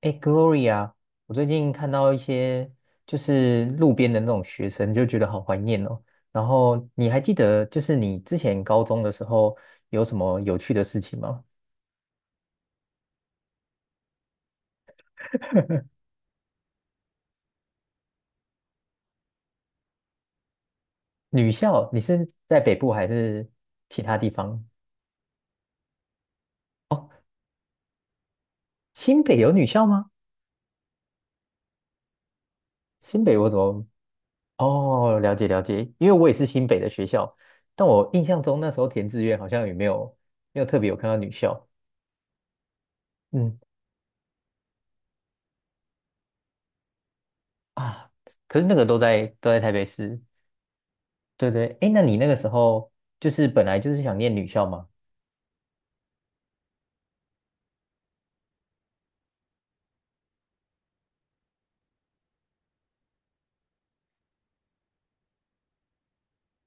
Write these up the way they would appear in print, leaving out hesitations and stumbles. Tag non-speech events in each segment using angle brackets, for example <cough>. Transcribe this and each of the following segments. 哎，Gloria，我最近看到一些就是路边的那种学生，就觉得好怀念哦。然后你还记得就是你之前高中的时候有什么有趣的事情吗？女校，你是在北部还是其他地方？哦，新北有女校吗？新北我怎么？哦，了解了解，因为我也是新北的学校，但我印象中那时候填志愿好像也没有特别有看到女校。嗯啊，可是那个都在台北市。对对，哎，那你那个时候就是本来就是想念女校吗？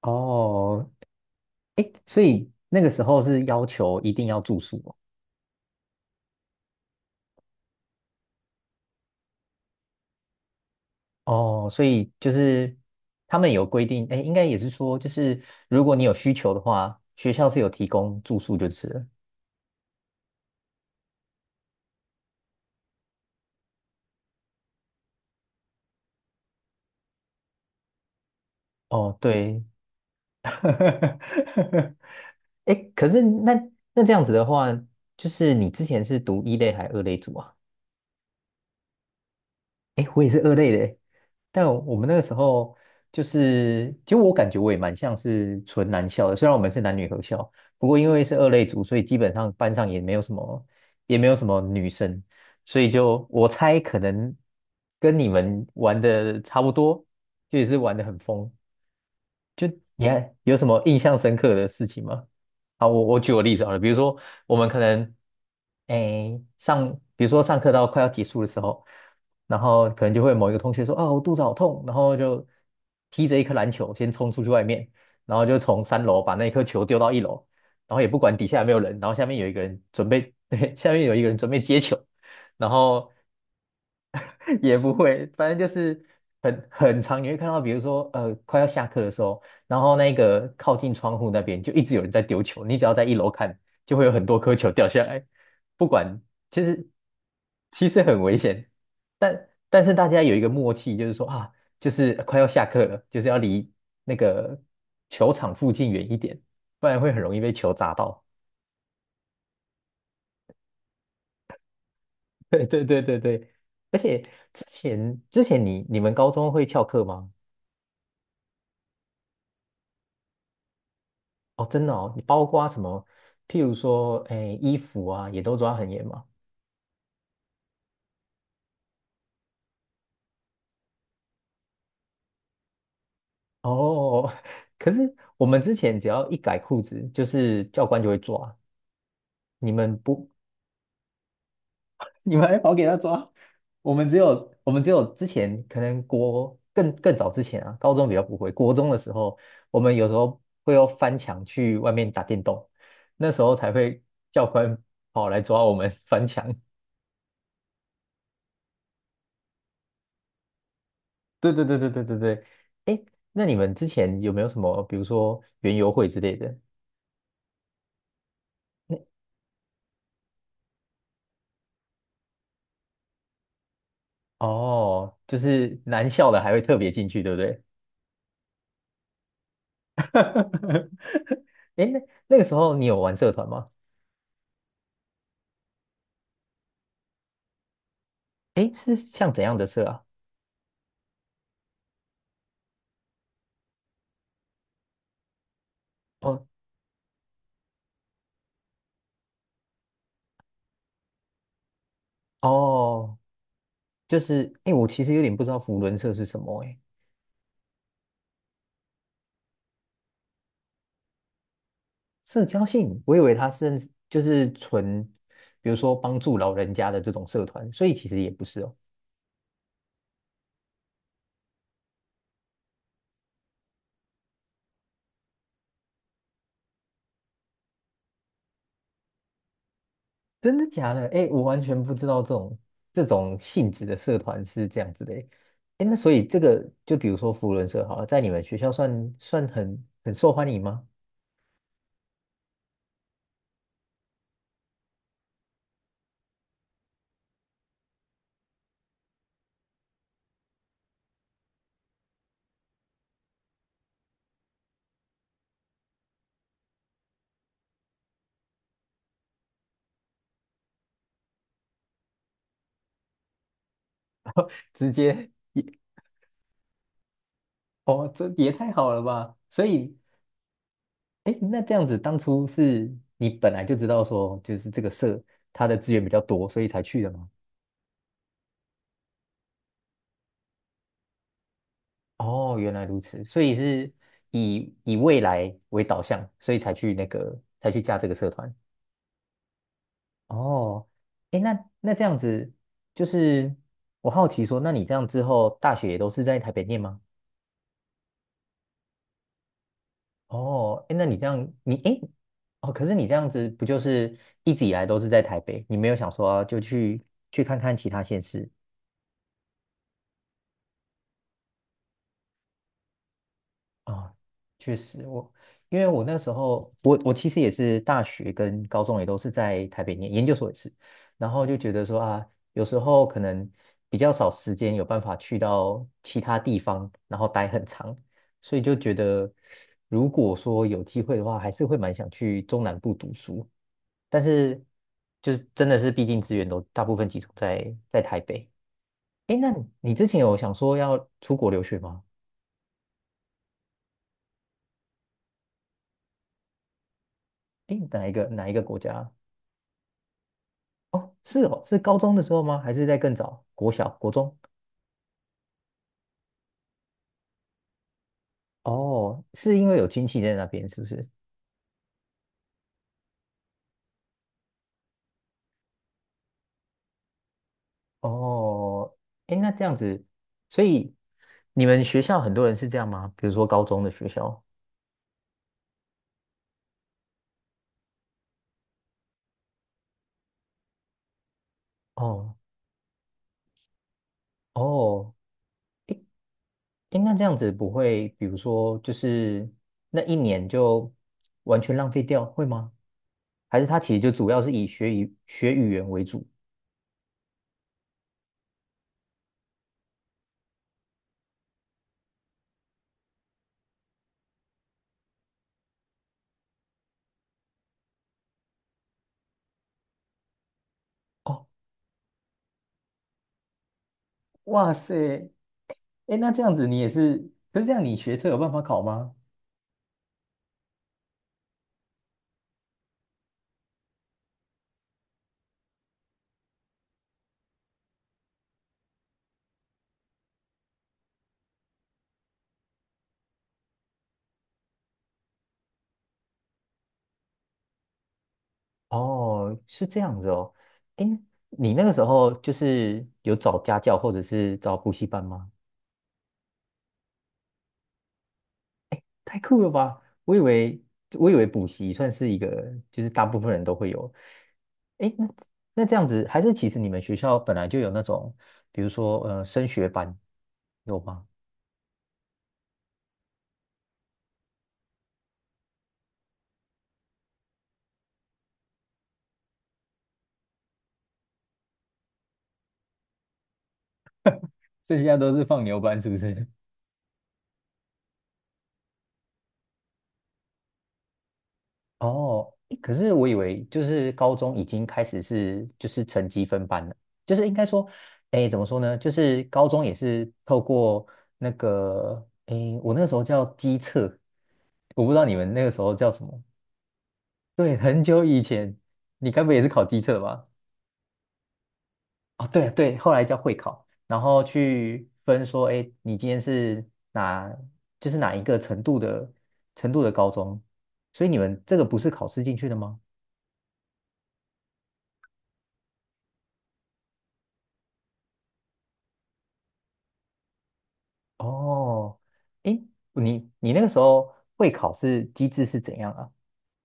哦，哎，所以那个时候是要求一定要住宿。哦，哦，所以就是他们有规定，哎，应该也是说，就是如果你有需求的话，学校是有提供住宿就是了。哦，对，<laughs> 哎可是那这样子的话，就是你之前是读一类还二类组啊？但我们那个时候就是，其实我感觉我也蛮像是纯男校的，虽然我们是男女合校，不过因为是二类组，所以基本上班上也没有什么女生，所以就我猜可能跟你们玩的差不多，就也是玩的很疯。你看有什么印象深刻的事情吗？啊，我举个例子好了，比如说我们可能，比如说上课到快要结束的时候，然后可能就会某一个同学说啊，我肚子好痛，然后就踢着一颗篮球先冲出去外面，然后就从三楼把那颗球丢到一楼，然后也不管底下有没有人，然后下面有一个人准备，<laughs> 对，下面有一个人准备接球，然后 <laughs> 也不会，反正就是很长，你会看到，比如说快要下课的时候，然后那个靠近窗户那边就一直有人在丢球，你只要在一楼看，就会有很多颗球掉下来，不管，其实其实很危险，但是大家有一个默契，就是说啊，就是快要下课了，就是要离那个球场附近远一点，不然会很容易被球砸到。<laughs> 对对对对对，而且之前你们高中会翘课吗？哦，真的哦，你包括什么？譬如说，哎，衣服啊，也都抓很严嘛。哦，<laughs> 可是我们之前只要一改裤子，就是教官就会抓。你们不，<laughs> 你们还跑给他抓？我们只有之前可能更早之前啊，高中比较不会，国中的时候，我们有时候会要翻墙去外面打电动，那时候才会教官跑来抓我们 <laughs> 翻墙。对对对对对对对，哎，那你们之前有没有什么，比如说园游会之类的？那哦，就是男校的还会特别进去，对不对？<laughs> 哎那那个时候你有玩社团吗？哎，是像怎样的社啊？哦哦，就是哎，诶我其实有点不知道扶轮社是什么哎，社交性，我以为它是就是纯，比如说帮助老人家的这种社团，所以其实也不是哦。真的假的？哎，我完全不知道这种性质的社团是这样子的诶。哎，那所以这个就比如说福伦社好了，在你们学校算很受欢迎吗？<laughs> 直接也哦，这也太好了吧！所以哎，那这样子当初是你本来就知道说，就是这个社它的资源比较多，所以才去的吗？哦，原来如此，所以是以未来为导向，所以才去加这个社团。哦，哎，那这样子，就是我好奇说，那你这样之后大学也都是在台北念吗？哦，哎，那你这样，哎，诶哦，可是你这样子不就是一直以来都是在台北，你没有想说就去看看其他县市？啊，确实我，因为我那时候，我其实也是大学跟高中也都是在台北念，研究所也是，然后就觉得说啊，有时候可能比较少时间有办法去到其他地方，然后待很长，所以就觉得如果说有机会的话，还是会蛮想去中南部读书，但是就是真的是，毕竟资源都大部分集中在台北。诶，那你之前有想说要出国留学吗？诶，哪一个国家？哦，是哦，是高中的时候吗？还是在更早？国小、国中？哦，是因为有亲戚在那边，是不是？哦，哎，那这样子，所以你们学校很多人是这样吗？比如说高中的学校？哦哦，哎，那这样子不会，比如说就是那一年就完全浪费掉，会吗？还是他其实就主要是以学语言为主？哦，哇塞，哎，那这样子你也是，可是这样你学测有办法考吗？哦，是这样子哦。哎，你那个时候就是有找家教或者是找补习班吗？太酷了吧！我以为补习算是一个，就是大部分人都会有。哎，那这样子，还是其实你们学校本来就有那种，比如说升学班，有吗？剩下都是放牛班，是不是？哦，诶可是我以为就是高中已经开始是就是成绩分班了，就是应该说，哎，怎么说呢？就是高中也是透过那个，哎，我那个时候叫机测，我不知道你们那个时候叫什么。对，很久以前，你该不会也是考机测吧？哦，对对，后来叫会考，然后去分说，哎，你今天是哪，就是哪一个程度的高中，所以你们这个不是考试进去的吗？哦，诶，你那个时候会考是机制是怎样啊？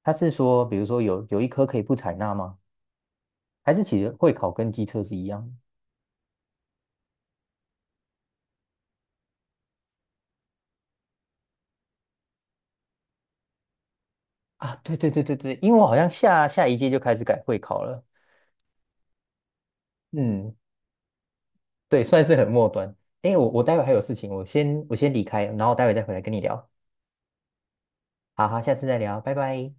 他是说，比如说有一科可以不采纳吗？还是其实会考跟机测是一样的啊？对对对对对，因为我好像下下一届就开始改会考了。嗯，对，算是很末端。诶，我待会还有事情，我先离开，然后待会再回来跟你聊。好好，下次再聊，拜拜。